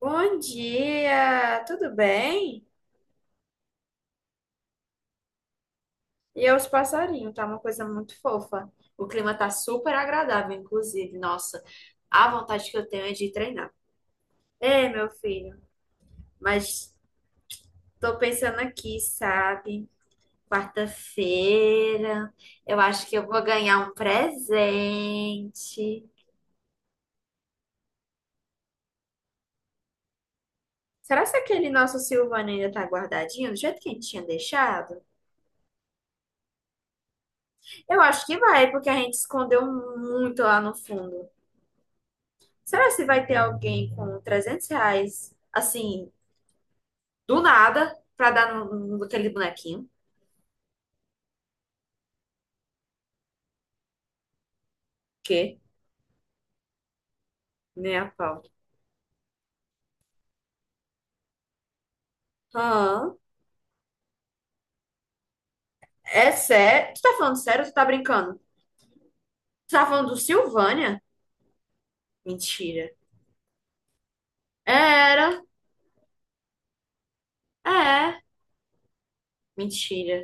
Bom dia, tudo bem? E é os passarinhos, tá uma coisa muito fofa. O clima tá super agradável, inclusive. Nossa, a vontade que eu tenho é de treinar. É, meu filho, mas tô pensando aqui, sabe? Quarta-feira, eu acho que eu vou ganhar um presente. Será que aquele nosso Silvano ainda tá guardadinho, do jeito que a gente tinha deixado? Eu acho que vai, porque a gente escondeu muito lá no fundo. Será se vai ter alguém com R$ 300, assim, do nada, pra dar no, naquele bonequinho? Que? Nem a pau. Hã? É sério? Tu tá falando sério ou tu tá brincando? Tu tá falando do Silvânia? Mentira. Era. É. Mentira.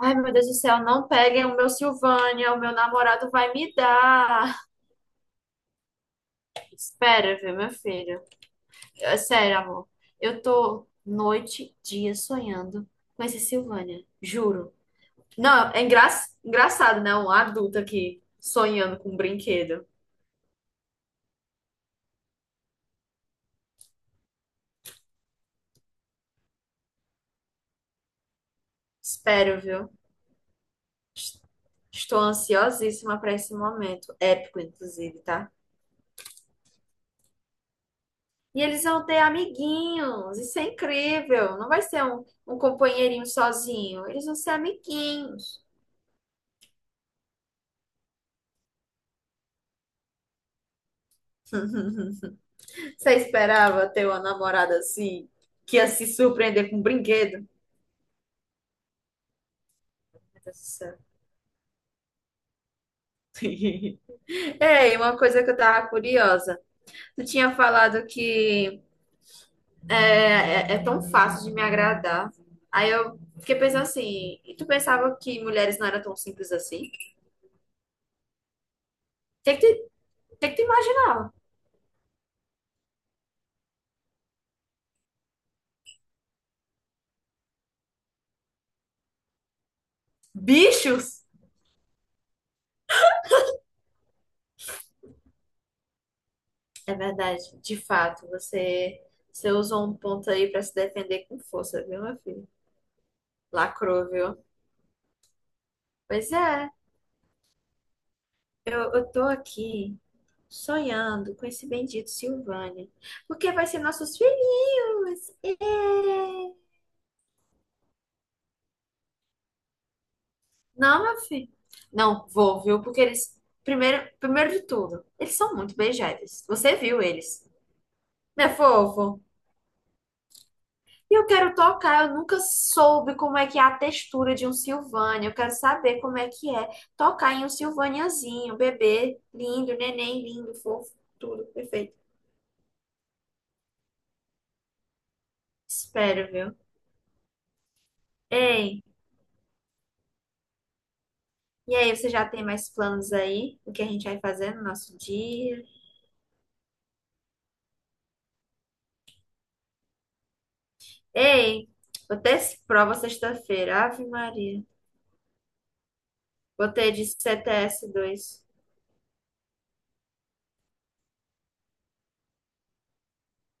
Ai, meu Deus do céu, não peguem o meu Silvânia, o meu namorado vai me dar. Espera, viu, meu filho? É sério, amor. Eu tô noite, dia sonhando com esse Silvânia. Juro. Não, é engraçado, né? Um adulto aqui sonhando com um brinquedo. Espero, viu? Estou ansiosíssima para esse momento. Épico, inclusive, tá? E eles vão ter amiguinhos. Isso é incrível. Não vai ser um companheirinho sozinho. Eles vão ser amiguinhos. Você esperava ter uma namorada assim, que ia se surpreender com um brinquedo? Meu Deus do céu. Ei, uma coisa que eu tava curiosa. Tu tinha falado que é tão fácil de me agradar. Aí eu fiquei pensando assim, e tu pensava que mulheres não eram tão simples assim? Tem que te, tem que te imaginar. Bichos! É verdade, de fato, você usou um ponto aí pra se defender com força, viu, meu filho? Lacrou, viu? Pois é, eu tô aqui sonhando com esse bendito Silvânia, porque vai ser nossos filhinhos. Ê! Não, meu filho. Não, vou, viu? Porque eles, primeiro de tudo, eles são muito beijáveis. Você viu eles, né, fofo? E eu quero tocar, eu nunca soube como é que é a textura de um Silvânia. Eu quero saber como é que é tocar em um Silvaniazinho, bebê, lindo, neném, lindo, fofo, tudo perfeito. Espero, viu? Ei, e aí, você já tem mais planos aí? O que a gente vai fazer no nosso dia? Ei, vou ter prova sexta-feira. Ave Maria. Botei de cts dois.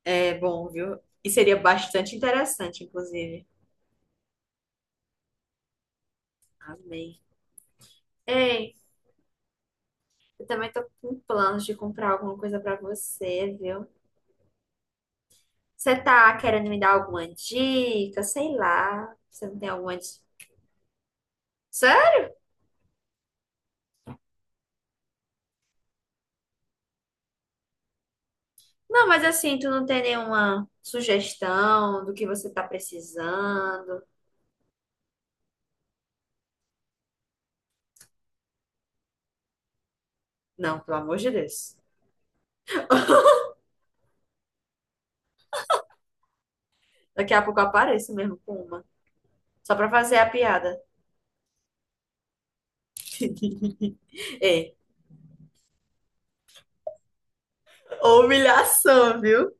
É bom, viu? E seria bastante interessante, inclusive. Amei. Ei, eu também tô com planos de comprar alguma coisa pra você, viu? Você tá querendo me dar alguma dica? Sei lá. Você não tem alguma dica? Sério? Não, mas assim, tu não tem nenhuma sugestão do que você tá precisando? Não, pelo amor de Deus. Daqui a pouco eu apareço mesmo com uma. Só pra fazer a piada. Ei, humilhação, viu?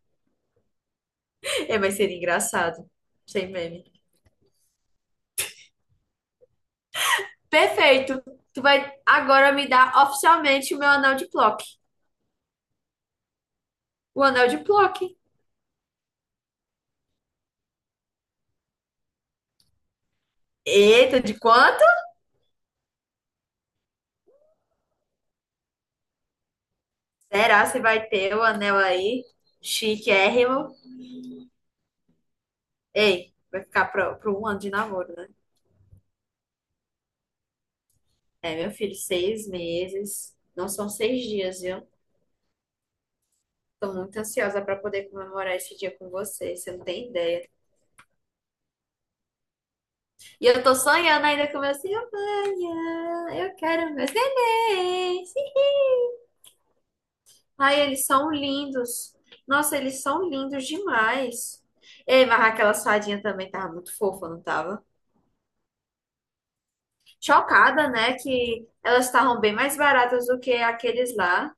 É, mas seria engraçado. Sem meme. Perfeito. Tu vai agora me dar oficialmente o meu anel de Plock. O anel de Plock. Eita, de quanto? Será que você vai ter o anel aí? Chiquérrimo. Ei, vai ficar pro um ano de namoro, né? É, meu filho, 6 meses. Não são 6 dias, viu? Tô muito ansiosa pra poder comemorar esse dia com você. Você não tem ideia. E eu tô sonhando ainda com meu Silvânia. Eu quero meus neném. Ai, eles são lindos. Nossa, eles são lindos demais. Ei, mas aquela sardinha também tava muito fofa, não tava? Chocada, né? Que elas estavam bem mais baratas do que aqueles lá.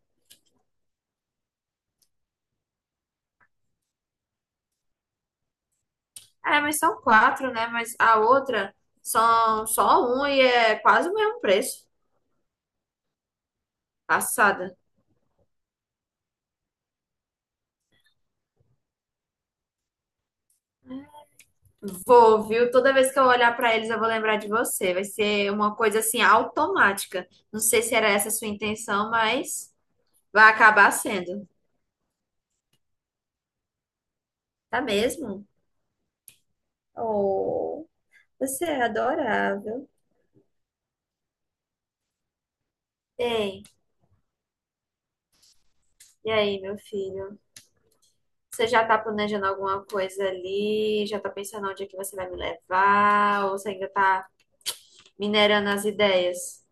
É, mas são quatro, né? Mas a outra são só um e é quase o mesmo preço. Passada. Vou, viu? Toda vez que eu olhar pra eles, eu vou lembrar de você. Vai ser uma coisa assim automática. Não sei se era essa a sua intenção, mas vai acabar sendo. Tá mesmo? Oh, você é adorável. Ei, e aí, meu filho? Você já tá planejando alguma coisa ali? Já tá pensando onde é que você vai me levar? Ou você ainda tá minerando as ideias?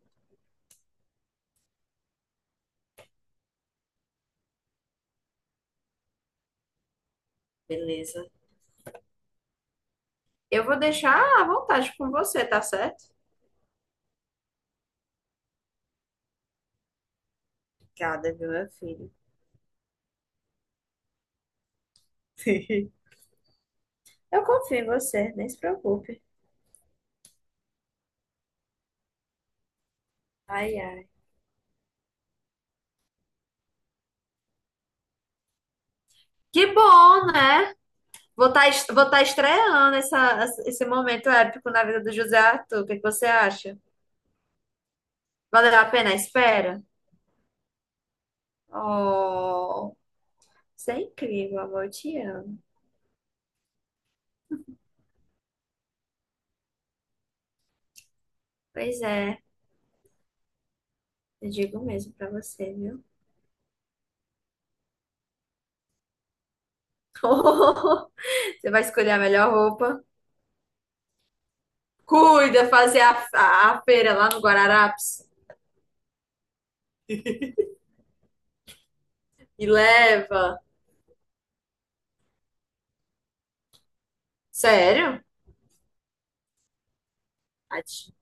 Beleza. Eu vou deixar à vontade com você, tá certo? Obrigada, viu, meu filho? Eu confio em você, nem se preocupe. Ai, ai. Que bom, né? Vou tá estreando essa, esse momento épico na vida do José Arthur. O que que você acha? Valeu a pena a espera? Oh, você é incrível, amor, eu te amo. Pois é, eu digo mesmo pra você, viu? Você vai escolher a melhor roupa. Cuida, fazer a feira lá no Guararapes e leva. Sério? Ai, de-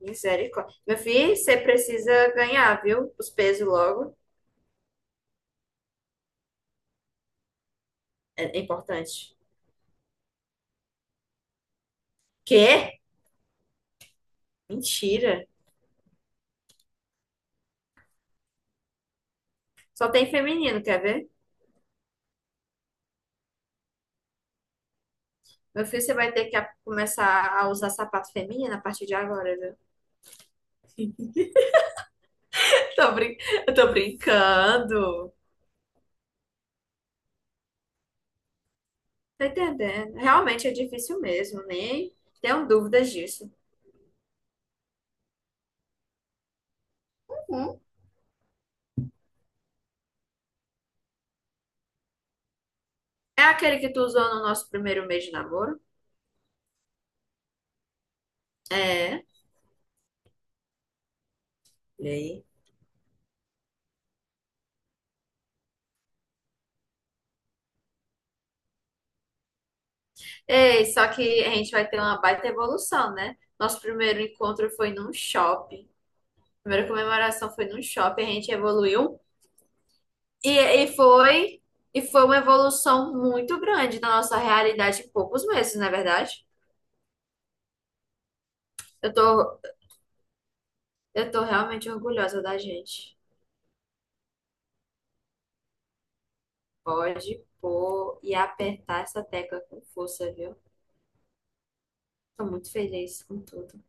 Misericórdia. Meu filho, você precisa ganhar, viu? Os pesos logo. É, é importante. Quê? Mentira. Só tem feminino, quer ver? Meu filho, você vai ter que começar a usar sapato feminino a partir de agora, viu? Tô brin... Eu tô brincando. Tá entendendo? Realmente é difícil mesmo, nem tenho dúvidas disso. Hum? É aquele que tu usou no nosso primeiro mês de namoro? É. E aí? Ei, só que a gente vai ter uma baita evolução, né? Nosso primeiro encontro foi num shopping. Primeira comemoração foi num shopping, a gente evoluiu. E, e foi e foi uma evolução muito grande na nossa realidade em poucos meses, não é verdade? Eu tô, eu tô realmente orgulhosa da gente. Pode pôr e apertar essa tecla com força, viu? Tô muito feliz com tudo.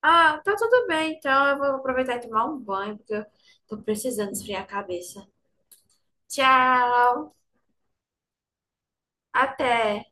Ah, tá tudo bem, então eu vou aproveitar e tomar um banho, porque eu tô precisando esfriar a cabeça. Tchau! Até!